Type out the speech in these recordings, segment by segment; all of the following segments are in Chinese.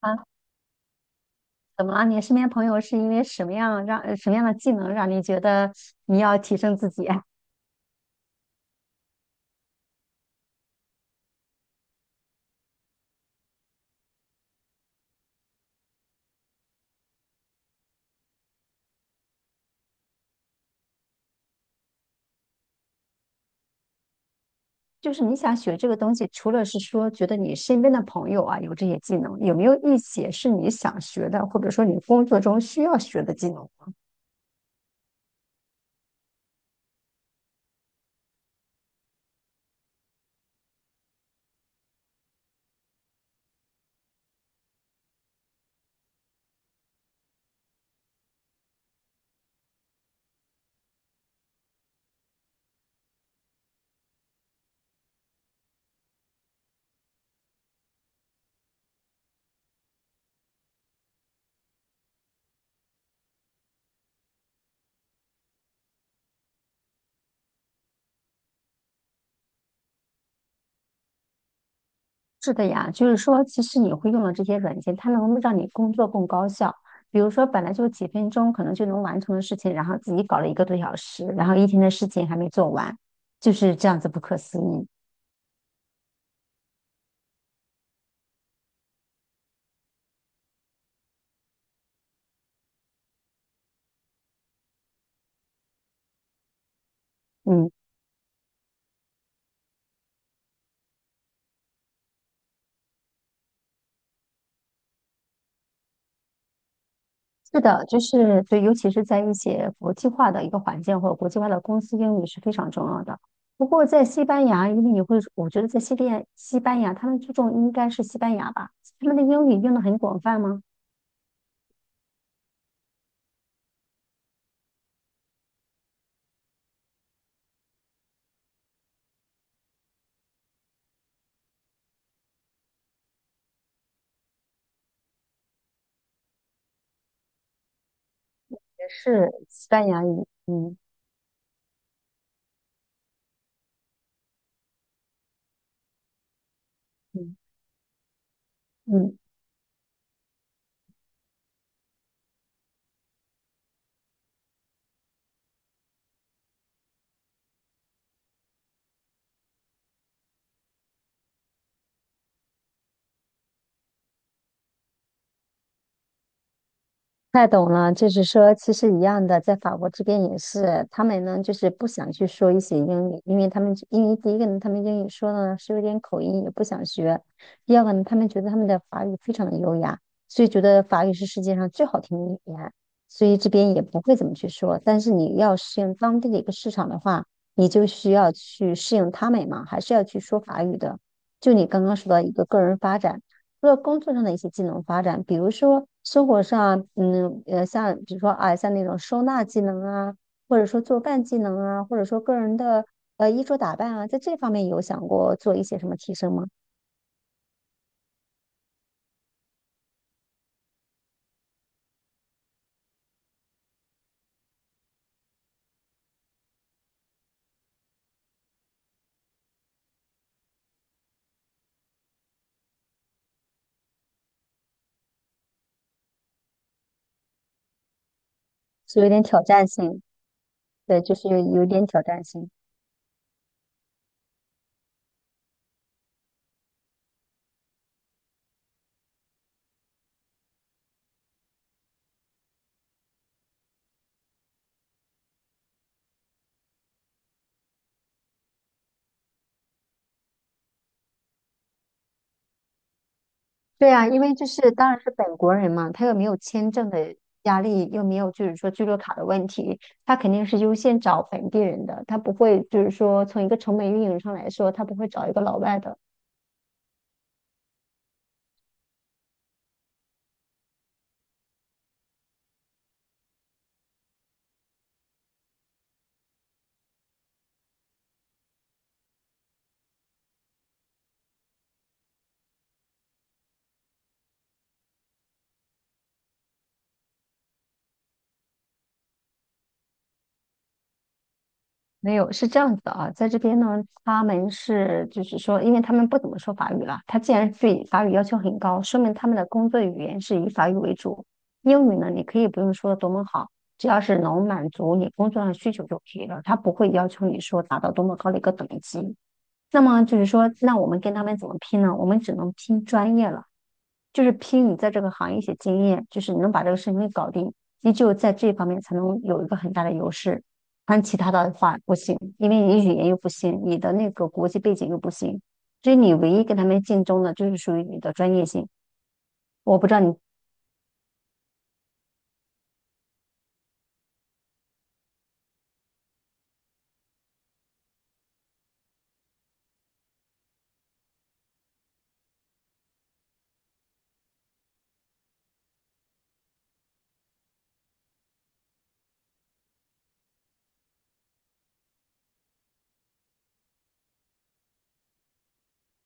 啊，怎么了？你身边朋友是因为什么样的技能让你觉得你要提升自己？就是你想学这个东西，除了是说觉得你身边的朋友啊有这些技能，有没有一些是你想学的，或者说你工作中需要学的技能？是的呀，就是说，其实你会用了这些软件，它能让你工作更高效。比如说，本来就几分钟可能就能完成的事情，然后自己搞了一个多小时，然后一天的事情还没做完，就是这样子不可思议。嗯。是的，就是对，尤其是在一些国际化的一个环境或者国际化的公司，英语是非常重要的。不过在西班牙，因为你会，我觉得在西班牙，他们注重应该是西班牙吧，他们的英语用的很广泛吗？也是西班牙语，嗯嗯嗯。太懂了，就是说，其实一样的，在法国这边也是，他们呢就是不想去说一些英语，因为他们因为第一个呢，他们英语说的呢是有点口音，也不想学；第二个呢，他们觉得他们的法语非常的优雅，所以觉得法语是世界上最好听的语言，所以这边也不会怎么去说。但是你要适应当地的一个市场的话，你就需要去适应他们嘛，还是要去说法语的。就你刚刚说到一个个人发展。除了工作上的一些技能发展，比如说生活上，嗯，像比如说啊，像那种收纳技能啊，或者说做饭技能啊，或者说个人的衣着打扮啊，在这方面有想过做一些什么提升吗？是有点挑战性，对，就是有点挑战性。对啊，因为就是当然是本国人嘛，他又没有签证的压力，又没有就是说居留卡的问题，他肯定是优先找本地人的，他不会就是说从一个成本运营上来说，他不会找一个老外的。没有，是这样子的啊，在这边呢，他们是就是说，因为他们不怎么说法语了，他既然对法语要求很高，说明他们的工作语言是以法语为主。英语呢，你可以不用说的多么好，只要是能满足你工作上需求就可以了，他不会要求你说达到多么高的一个等级。那么就是说，那我们跟他们怎么拼呢？我们只能拼专业了，就是拼你在这个行业一些经验，就是你能把这个事情给搞定，你只有在这方面才能有一个很大的优势。但其他的话不行，因为你语言又不行，你的那个国际背景又不行，所以你唯一跟他们竞争的就是属于你的专业性。我不知道你，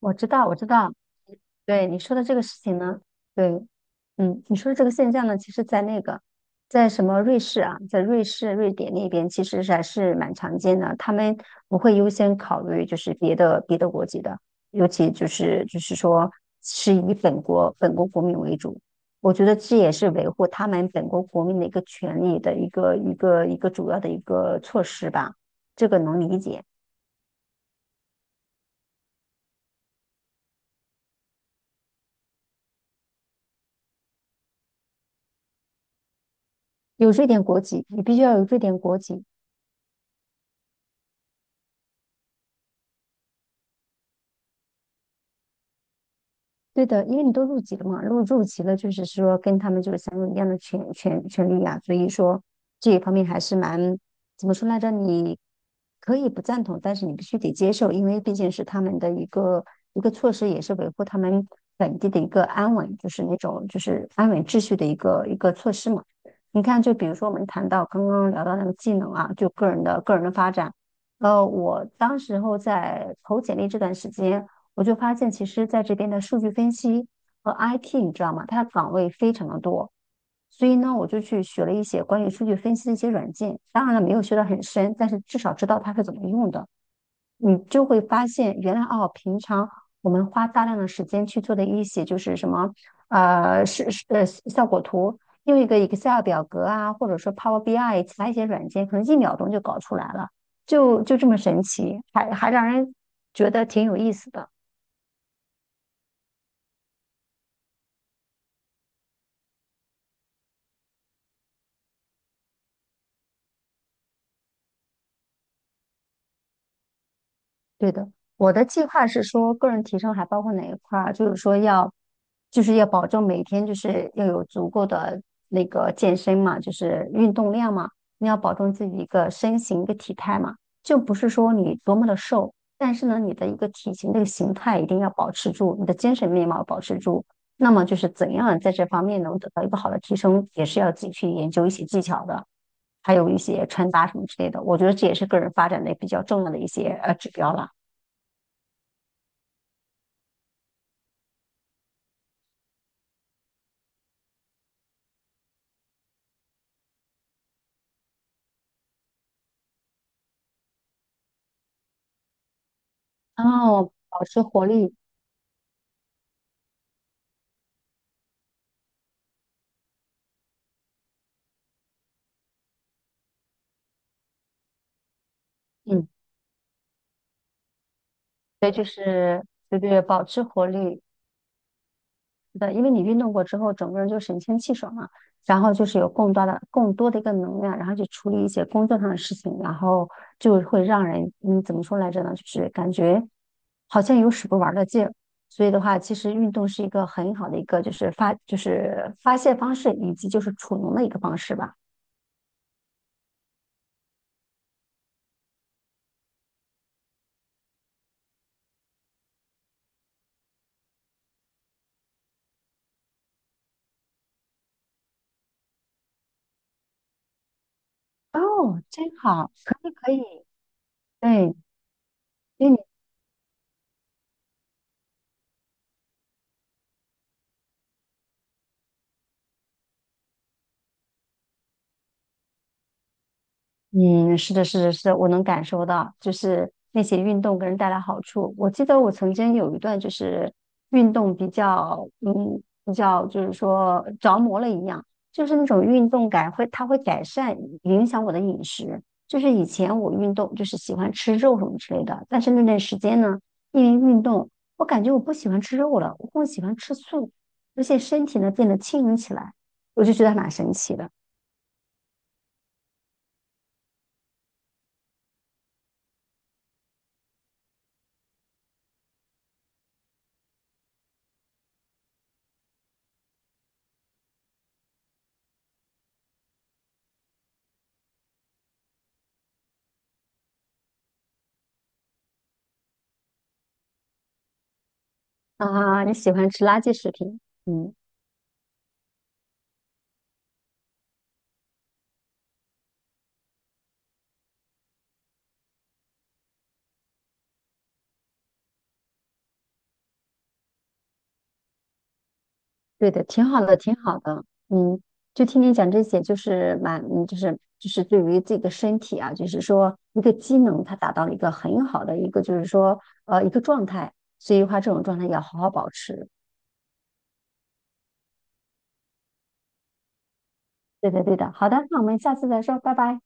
我知道，我知道。对你说的这个事情呢，对，嗯，你说的这个现象呢，其实在那个，在什么瑞士啊，在瑞士、瑞典那边，其实是还是蛮常见的。他们不会优先考虑就是别的国籍的，尤其就是说是以本国国民为主。我觉得这也是维护他们本国国民的一个权利的一个主要的一个措施吧，这个能理解。有瑞典国籍，你必须要有瑞典国籍，对的，因为你都入籍了嘛，入籍了，就是说跟他们就是享有一样的权利啊，所以说这一方面还是蛮怎么说来着？你可以不赞同，但是你必须得接受，因为毕竟是他们的一个措施，也是维护他们本地的一个安稳，就是那种就是安稳秩序的一个措施嘛。你看，就比如说我们谈到刚刚聊到那个技能啊，就个人的发展。我当时候在投简历这段时间，我就发现其实在这边的数据分析和 IT,你知道吗？它的岗位非常的多，所以呢，我就去学了一些关于数据分析的一些软件。当然了，没有学得很深，但是至少知道它是怎么用的。你就会发现，原来哦，平常我们花大量的时间去做的一些就是什么效果图，用一个 Excel 表格啊，或者说 Power BI 其他一些软件，可能一秒钟就搞出来了，就这么神奇，还让人觉得挺有意思的。对的，我的计划是说，个人提升还包括哪一块儿？就是说要，就是要保证每天就是要有足够的那个健身嘛，就是运动量嘛，你要保证自己一个身形一个体态嘛，就不是说你多么的瘦，但是呢，你的一个体型这个形态一定要保持住，你的精神面貌保持住。那么就是怎样在这方面能得到一个好的提升，也是要自己去研究一些技巧的，还有一些穿搭什么之类的。我觉得这也是个人发展的比较重要的一些指标了。哦，保持活力，嗯，对，就是对对，保持活力，是的，因为你运动过之后，整个人就神清气爽了。然后就是有更多的一个能量，然后去处理一些工作上的事情，然后就会让人，嗯，怎么说来着呢？就是感觉好像有使不完的劲儿。所以的话，其实运动是一个很好的一个，就是发泄方式，以及就是储能的一个方式吧。哦，真好，可以可以，对。你。嗯，是的,是的,是的我能感受到，就是那些运动给人带来好处。我记得我曾经有一段就是运动比较，嗯，比较就是说着魔了一样，就是那种运动感会，它会改善影响我的饮食。就是以前我运动就是喜欢吃肉什么之类的，但是那段时间呢，因为运动，我感觉我不喜欢吃肉了，我更喜欢吃素，而且身体呢变得轻盈起来，我就觉得还蛮神奇的啊！你喜欢吃垃圾食品，嗯。对的，挺好的,挺好的嗯，就听你讲这些，就是蛮，就是对于自己的身体啊，就是说一个机能，它达到了一个很好的一个，就是说一个状态。所以的话，这种状态要好好保持。对的，对的。好的，那我们下次再说，拜拜。